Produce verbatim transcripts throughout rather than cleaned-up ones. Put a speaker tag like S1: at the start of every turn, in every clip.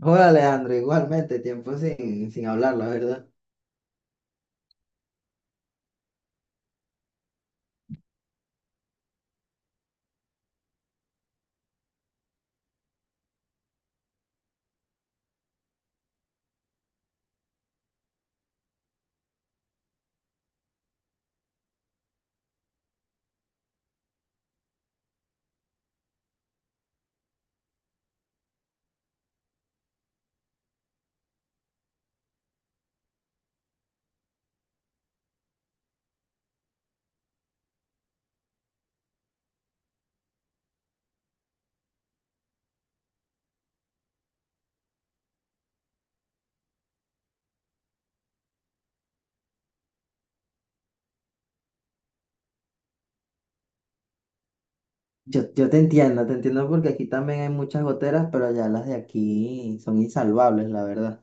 S1: Hola, Alejandro, igualmente, tiempo sin, sin hablar, la verdad. Yo, yo te entiendo, te entiendo porque aquí también hay muchas goteras, pero ya las de aquí son insalvables, la verdad.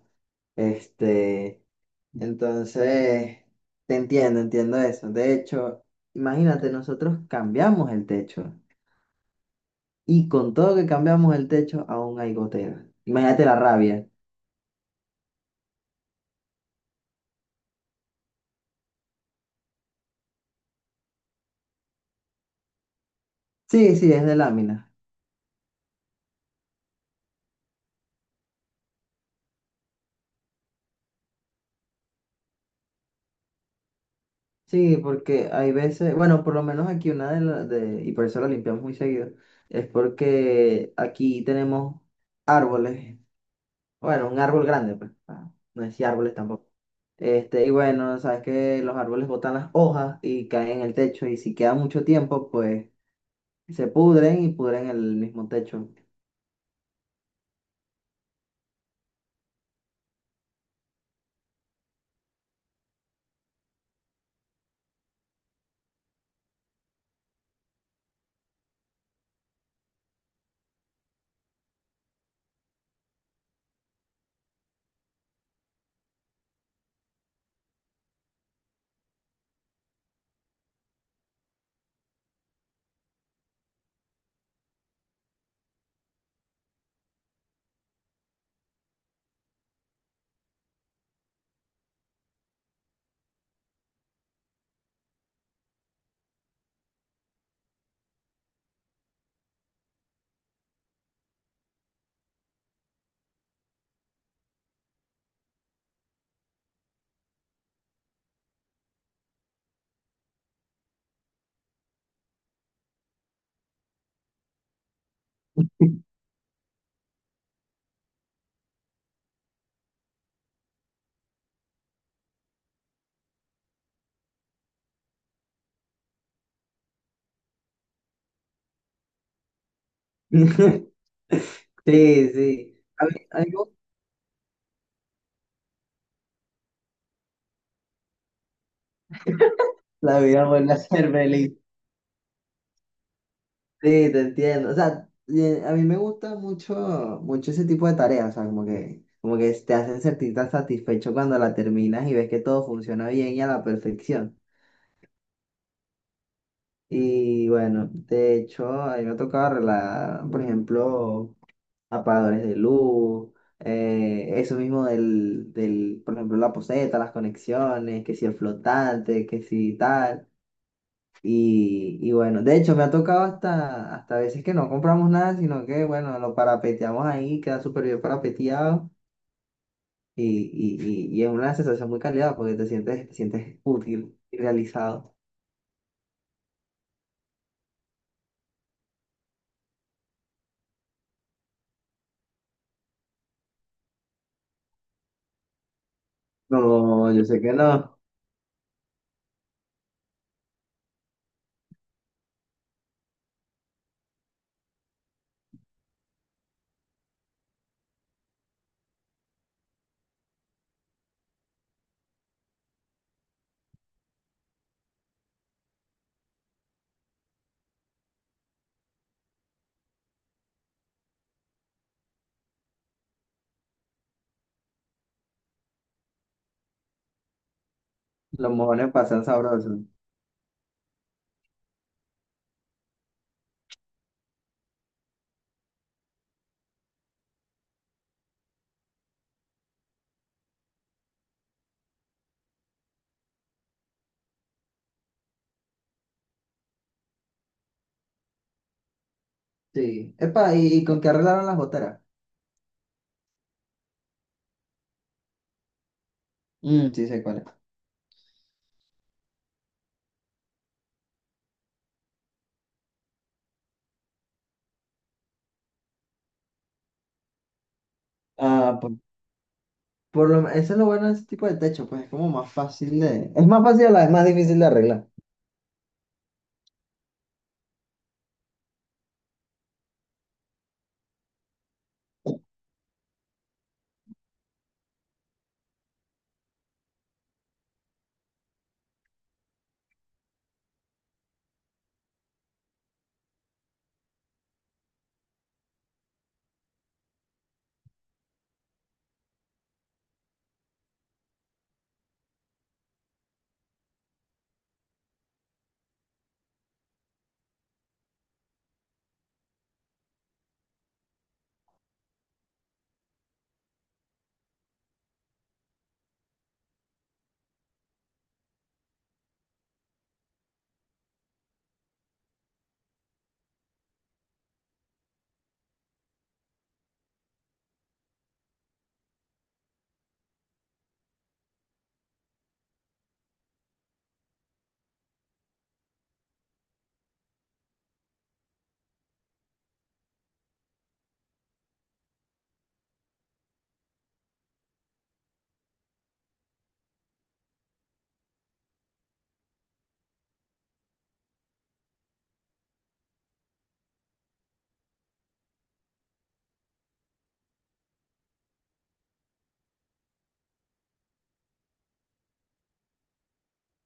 S1: Este, entonces, te entiendo, entiendo eso. De hecho, imagínate, nosotros cambiamos el techo y con todo que cambiamos el techo, aún hay goteras. Imagínate la rabia. Sí, sí, es de lámina. Sí, porque hay veces, bueno, por lo menos aquí una de las, de, y por eso la limpiamos muy seguido, es porque aquí tenemos árboles, bueno, un árbol grande, pues, ah, no decía árboles tampoco. Este, y bueno, sabes que los árboles botan las hojas y caen en el techo, y si queda mucho tiempo, pues se pudren y pudren el mismo techo. Sí, sí. A mí- a mí me gusta la vida vuelve a ser feliz. Sí, te entiendo. O sea, y a mí me gusta mucho, mucho ese tipo de tareas. O sea, como que, como que te hacen sentir tan satisfecho cuando la terminas y ves que todo funciona bien y a la perfección. Y bueno, de hecho, a mí me ha tocado arreglar, por ejemplo, apagadores de luz, eh, eso mismo del, del, por ejemplo, la poseta, las conexiones, que si el flotante, que si tal. Y, y bueno, de hecho me ha tocado hasta, hasta veces que no compramos nada, sino que bueno, lo parapeteamos ahí, queda súper bien parapeteado y, y, y, y es una sensación muy calidad porque te sientes, te sientes útil y realizado. No, yo sé que no, los mojones pasan sabrosos. Sí, epa, ¿y, y con qué arreglaron las goteras? Mm, sí sé cuál es. Ah, por, por lo, eso es lo bueno de ese tipo de techo, pues es como más fácil de... Es más fácil, a la vez más difícil de arreglar.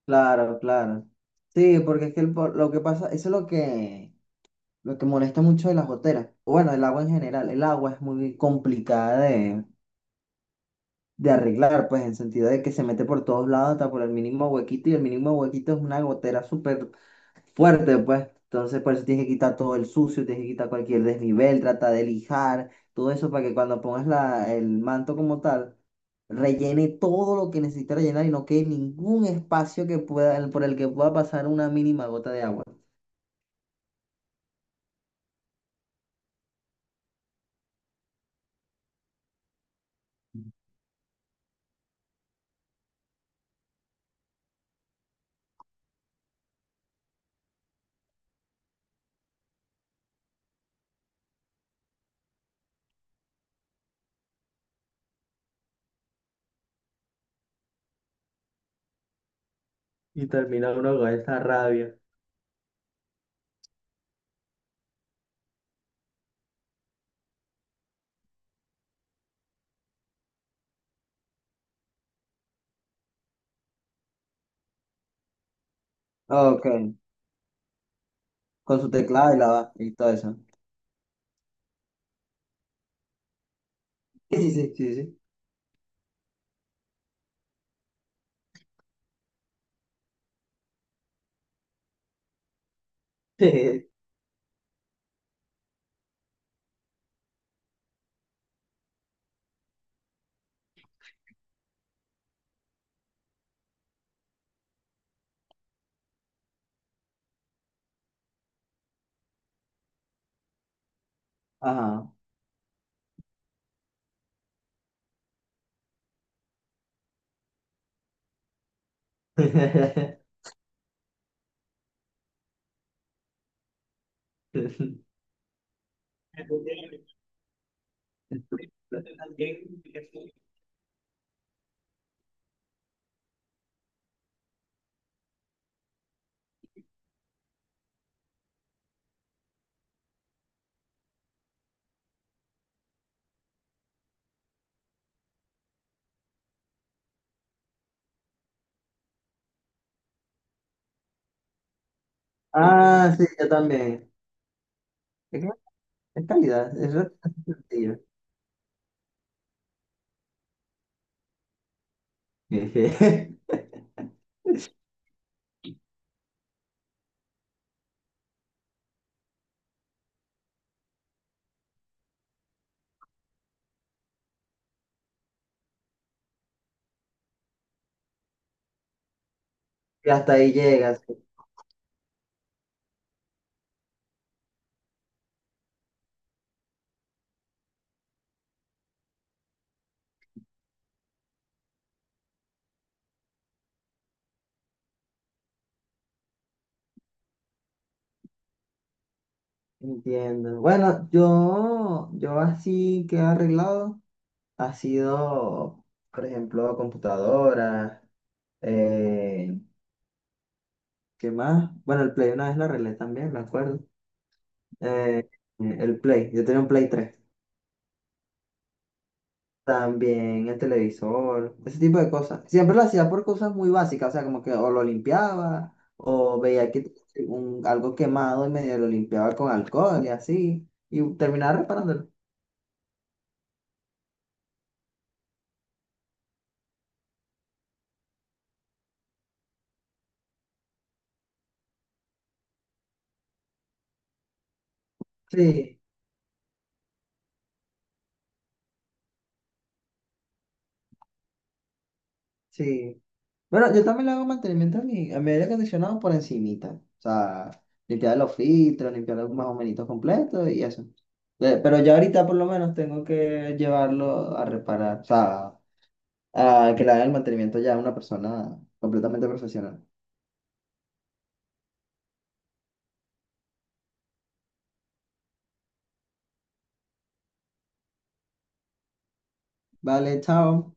S1: Claro, claro. Sí, porque es que el po- lo que pasa, eso es lo que, lo que molesta mucho de las goteras. O bueno, el agua en general, el agua es muy complicada de, de arreglar, pues en sentido de que se mete por todos lados, hasta por el mínimo huequito, y el mínimo huequito es una gotera súper fuerte, pues. Entonces, por eso tienes que quitar todo el sucio, tienes que quitar cualquier desnivel, trata de lijar, todo eso para que cuando pongas la, el manto como tal, rellene todo lo que necesita rellenar y no quede ningún espacio que pueda, por el que pueda pasar una mínima gota de agua. Y termina uno con esa rabia. Ok, con su teclado y la y todo eso. Sí, sí, sí, sí. Ajá. Ah, sí, yo también. Es que en calidad, eso es sencillo. Jeje. Y hasta ahí llegas, entiendo. Bueno, yo, yo así que he arreglado ha sido, por ejemplo, computadora, eh, ¿qué más? Bueno, el Play una vez lo arreglé también, me acuerdo. Eh, el Play, yo tenía un Play tres. También el televisor, ese tipo de cosas. Siempre lo hacía por cosas muy básicas, o sea, como que o lo limpiaba, o veía que tenía un- algo quemado y medio lo limpiaba con alcohol y así, y terminaba reparándolo. Sí, sí. Bueno, yo también le hago mantenimiento a mi, a mi aire acondicionado por encimita. O sea, limpiar los filtros, limpiar los más o menos completos y eso. Eh, Pero ya ahorita por lo menos tengo que llevarlo a reparar, o sea, a que le haga el mantenimiento ya a una persona completamente profesional. Vale, chao.